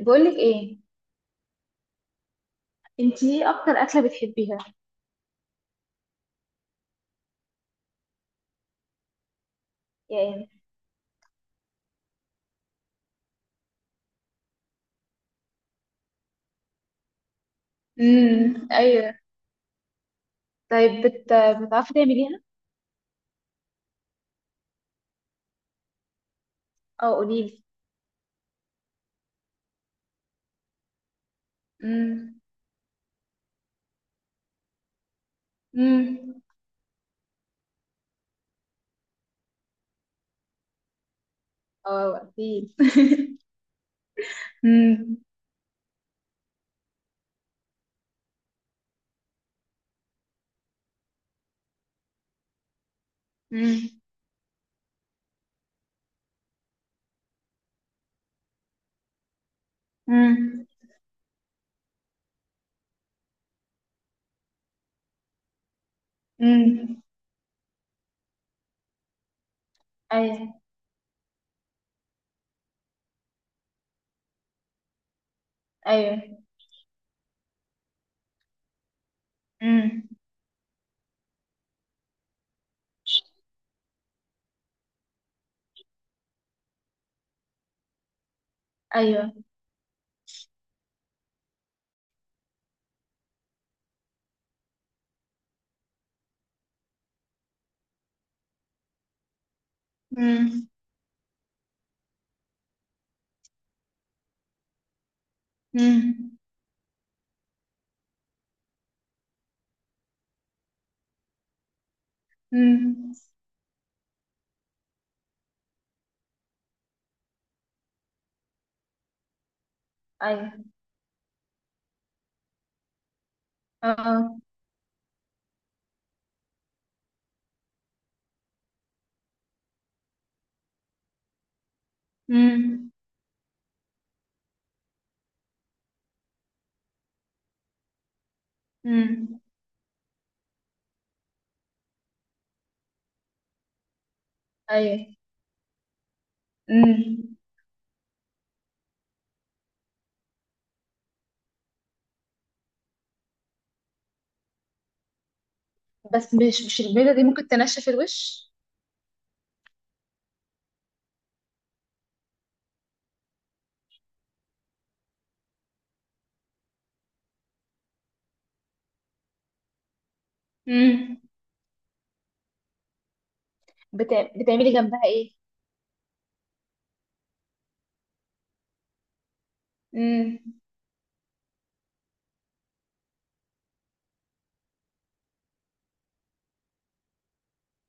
بقولك ايه؟ انتي ايه اكتر اكله بتحبيها؟ يعني. امم، ايوه. طيب، بتعرفي تعمليها؟ او قوليلي. امم. امم. اه، قوليلي. امم. امم. امم. امم. ايوه. ايوه. امم. ايوه. امم. امم. امم. ايوه. اه. امم. امم. ايوه. امم. بس، مش البيضه دي ممكن تنشف الوش؟ امم. بتعملي جنبها؟ ايه.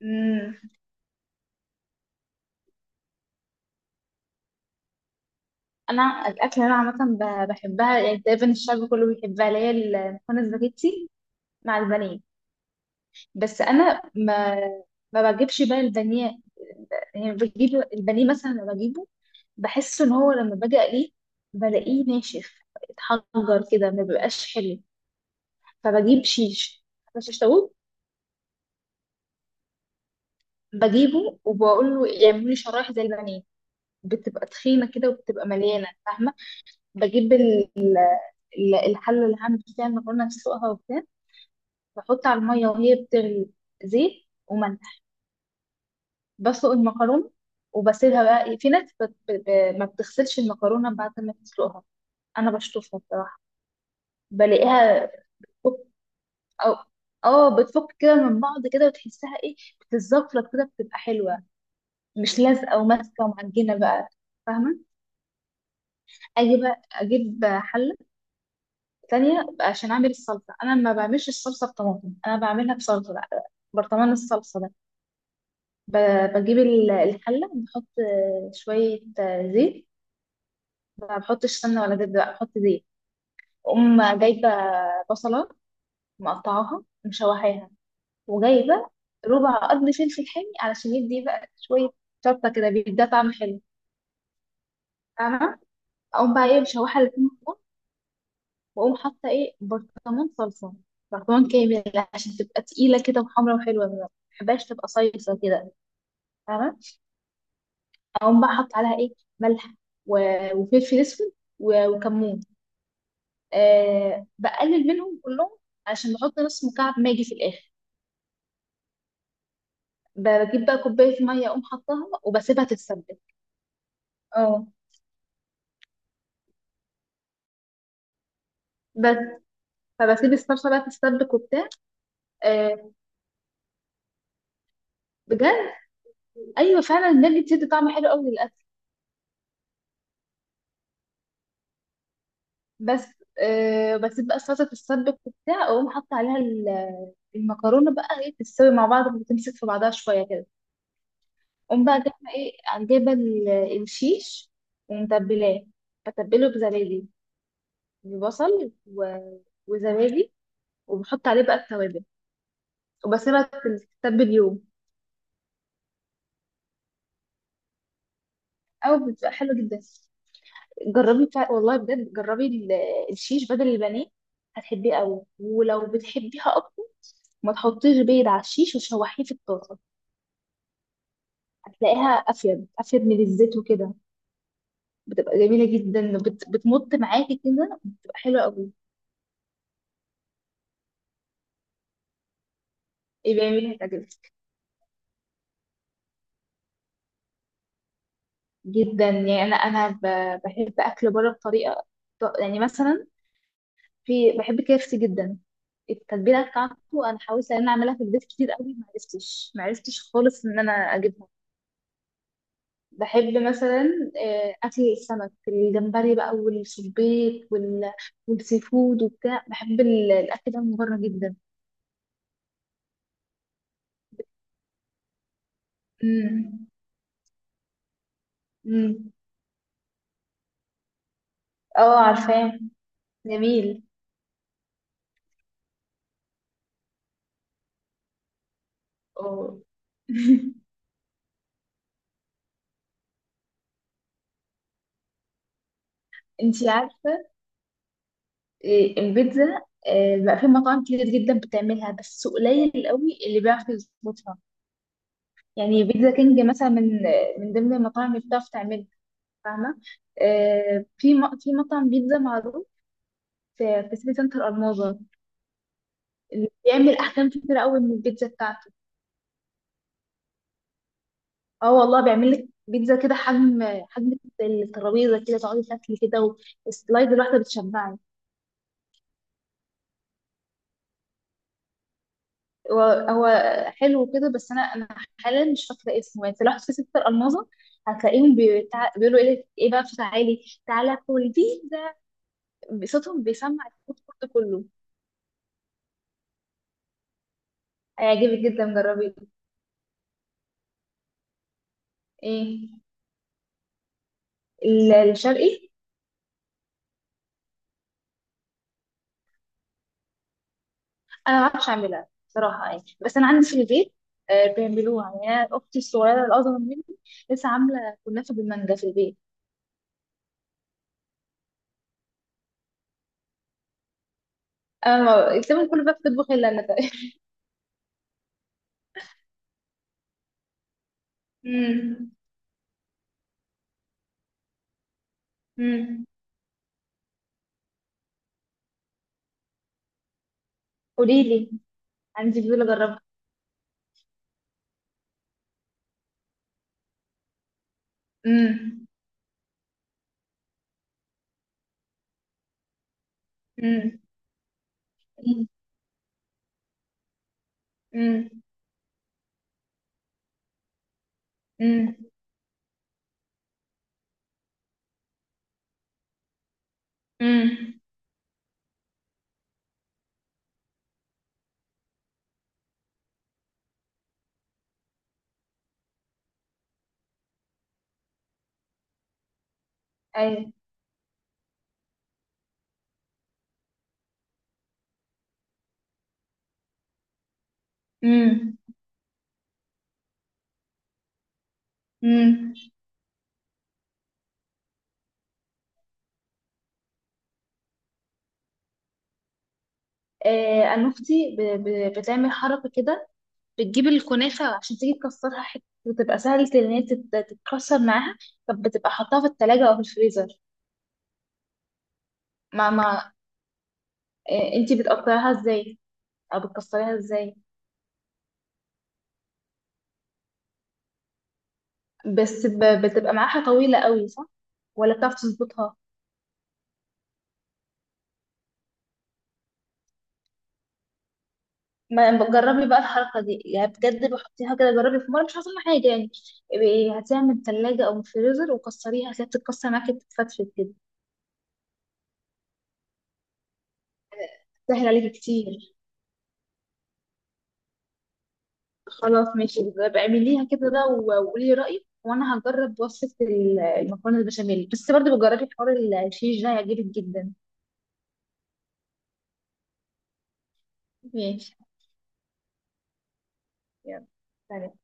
مم. انا الاكل اللي انا عامه بحبها، يعني تقريبا الشعب كله بيحبها، اللي هي المكرونه سباجيتي مع البانيه. بس انا ما بجيبش بقى البانيه، يعني بجيب البانيه مثلا لما بجيبه، بحس ان هو لما باجي اقليه بلاقيه ناشف، اتحجر كده ما بيبقاش حلو. فبجيب شيش طاووق، بجيبه وبقول له يعملوا لي شرايح زي البانيه، بتبقى تخينه كده وبتبقى مليانه، فاهمه؟ بجيب الحلة اللي هعمل فيها المكرونة، أسلقها وبتاع، بحط على المية وهي بتغلي زيت وملح، بسلق المكرونة، وبسيبها بقى إيه، في ناس ما بتغسلش المكرونة بعد ما تسلقها. أنا بشطفها بصراحة، بلاقيها بتفك، أو اه بتفك كده من بعض كده، وتحسها ايه، بتتزفرط كده، بتبقى حلوة، مش لازقة وماسكة ومعجنة بقى، فاهمة؟ أجي بقى أجيب حلة ثانية عشان أعمل الصلصة، أنا ما بعملش الصلصة بطماطم، أنا بعملها بصلصة بقى، برطمان الصلصة ده. بجيب الحلة، بحط شوية زيت، ما بحطش سمنة ولا زيت، بقى بحط زيت. أقوم جايبة بصلة، مقطعاها، مشوحاها، وجايبة ربع قد فلفل حامي علشان يدي بقى شوية شطة كده، بيديها طعم حلو، فاهمة؟ أقوم بقى إيه، مشوحة الاتنين، واقوم حاطه ايه، برطمان صلصه، برطمان كامل، عشان تبقى تقيله كده وحمرا وحلوه، ما بحبهاش تبقى صيصه كده، فاهمه؟ اقوم بقى حاطه عليها ايه، ملح، و- وفلفل اسود، و- وكمون. أه، بقلل منهم كلهم عشان بحط نص مكعب ماجي في الاخر. بجيب بقى كوبايه ميه، اقوم حطاها وبسيبها تتسبك. اه. بس. فبسيب الصلصه بقى تتسبك وبتاع. أه، بجد، ايوه فعلا الماجي بتدي طعم حلو قوي. بس. آه، بس بقى فتره السبك وبتاع، اقوم حاطه عليها المكرونه بقى ايه، تستوي مع بعض وتمسك في بعضها شويه كده. اقوم بقى جايبه ايه، جايبه الشيش ومتبلاه، بتبله بزبادي، ببصل وزبادي، وبحط عليه بقى التوابل، وبسيبها تتبل يوم. او بتبقى حلوه جدا، جربي والله بجد، جربي الشيش بدل البانيه، هتحبيه قوي. ولو بتحبيها اكتر، ما تحطيش بيض على الشيش وتشوحيه في الطاسه، هتلاقيها افيد افيد من الزيت وكده، بتبقى جميله جدا، بتمط معاكي كده، بتبقى حلوه قوي. ايه جميله، هتعجبك جدا. يعني انا بحب اكل بره بطريقه، يعني مثلا، في بحب كيفسي جدا، التتبيله بتاعته انا حاولت ان انا اعملها في البيت كتير قوي، ما عرفتش خالص ان انا اجيبها. بحب مثلا اكل السمك، الجمبري بقى، والسبيط، والسي فود وبتاع، بحب الاكل ده من بره جدا. امم. اه، عارفاه. جميل. اه. انتي عارفة؟ البيتزا بقى في مطاعم كتير جدا بتعملها، بس قليل قوي اللي بيعرف يظبطها. يعني بيتزا كينج مثلا، من ضمن المطاعم اللي بتعرف تعملها، فاهمة؟ في في مطعم بيتزا معروف في سيتي سنتر الماظة، اللي بيعمل أحجام كتير قوي من البيتزا بتاعته. اه والله، بيعمل لك بيتزا كده حجم، حجم الترابيزة كده، تقعدي تاكلي كده، والسلايد الواحدة بتشبعك. هو هو حلو كده، بس انا حاليا مش فاكره اسمه، يعني لو في ستة الماظه هتلاقيهم بيقولوا ايه ايه بقى، تعالي تعالى كل بيتزا، صوتهم بيسمع الفود كورت كله. هيعجبك جدا، جربي. ايه، الشرقي. انا ما بعرفش اعملها صراحه يعني، بس انا عندي في البيت بيعملوها، يعني انا اختي الصغيره الاصغر مني لسه عامله كنافه بالمانجا في البيت. انا الكلام كله بقى بتطبخ الا انا، تقريبا. امم. امم. قولي لي، عندي فضول اجربها. امم. امم. امم. امم. امم. ايوه. امم. امم. آه، انا اختي بتعمل حركه كده، بتجيب الكنافه عشان تيجي تكسرها حته، وتبقى سهله ان هي تتكسر معاها. طب، بتبقى حطاها في التلاجة او في الفريزر؟ ما. آه، انتي بتقطعيها ازاي؟ او بتكسريها ازاي؟ بس، بتبقى معاها طويله قوي، صح؟ ولا بتعرف تظبطها؟ ما جربي بقى الحركة دي، يعني بجد بحطيها كده، جربي في مرة مش هتطلع حاجة يعني. هاتيها من التلاجة أو من الفريزر وكسريها، هتلاقيها بتتكسر معاكي، بتتفتفت كده. سهل عليكي كتير. خلاص، ماشي بقى، اعمليها كده بقى وقولي رأيك، وأنا هجرب وصفة المكرونة البشاميل، بس برضه بجربي حوار، الشيش ده هيعجبك جدا. ماشي. يلا، سلام.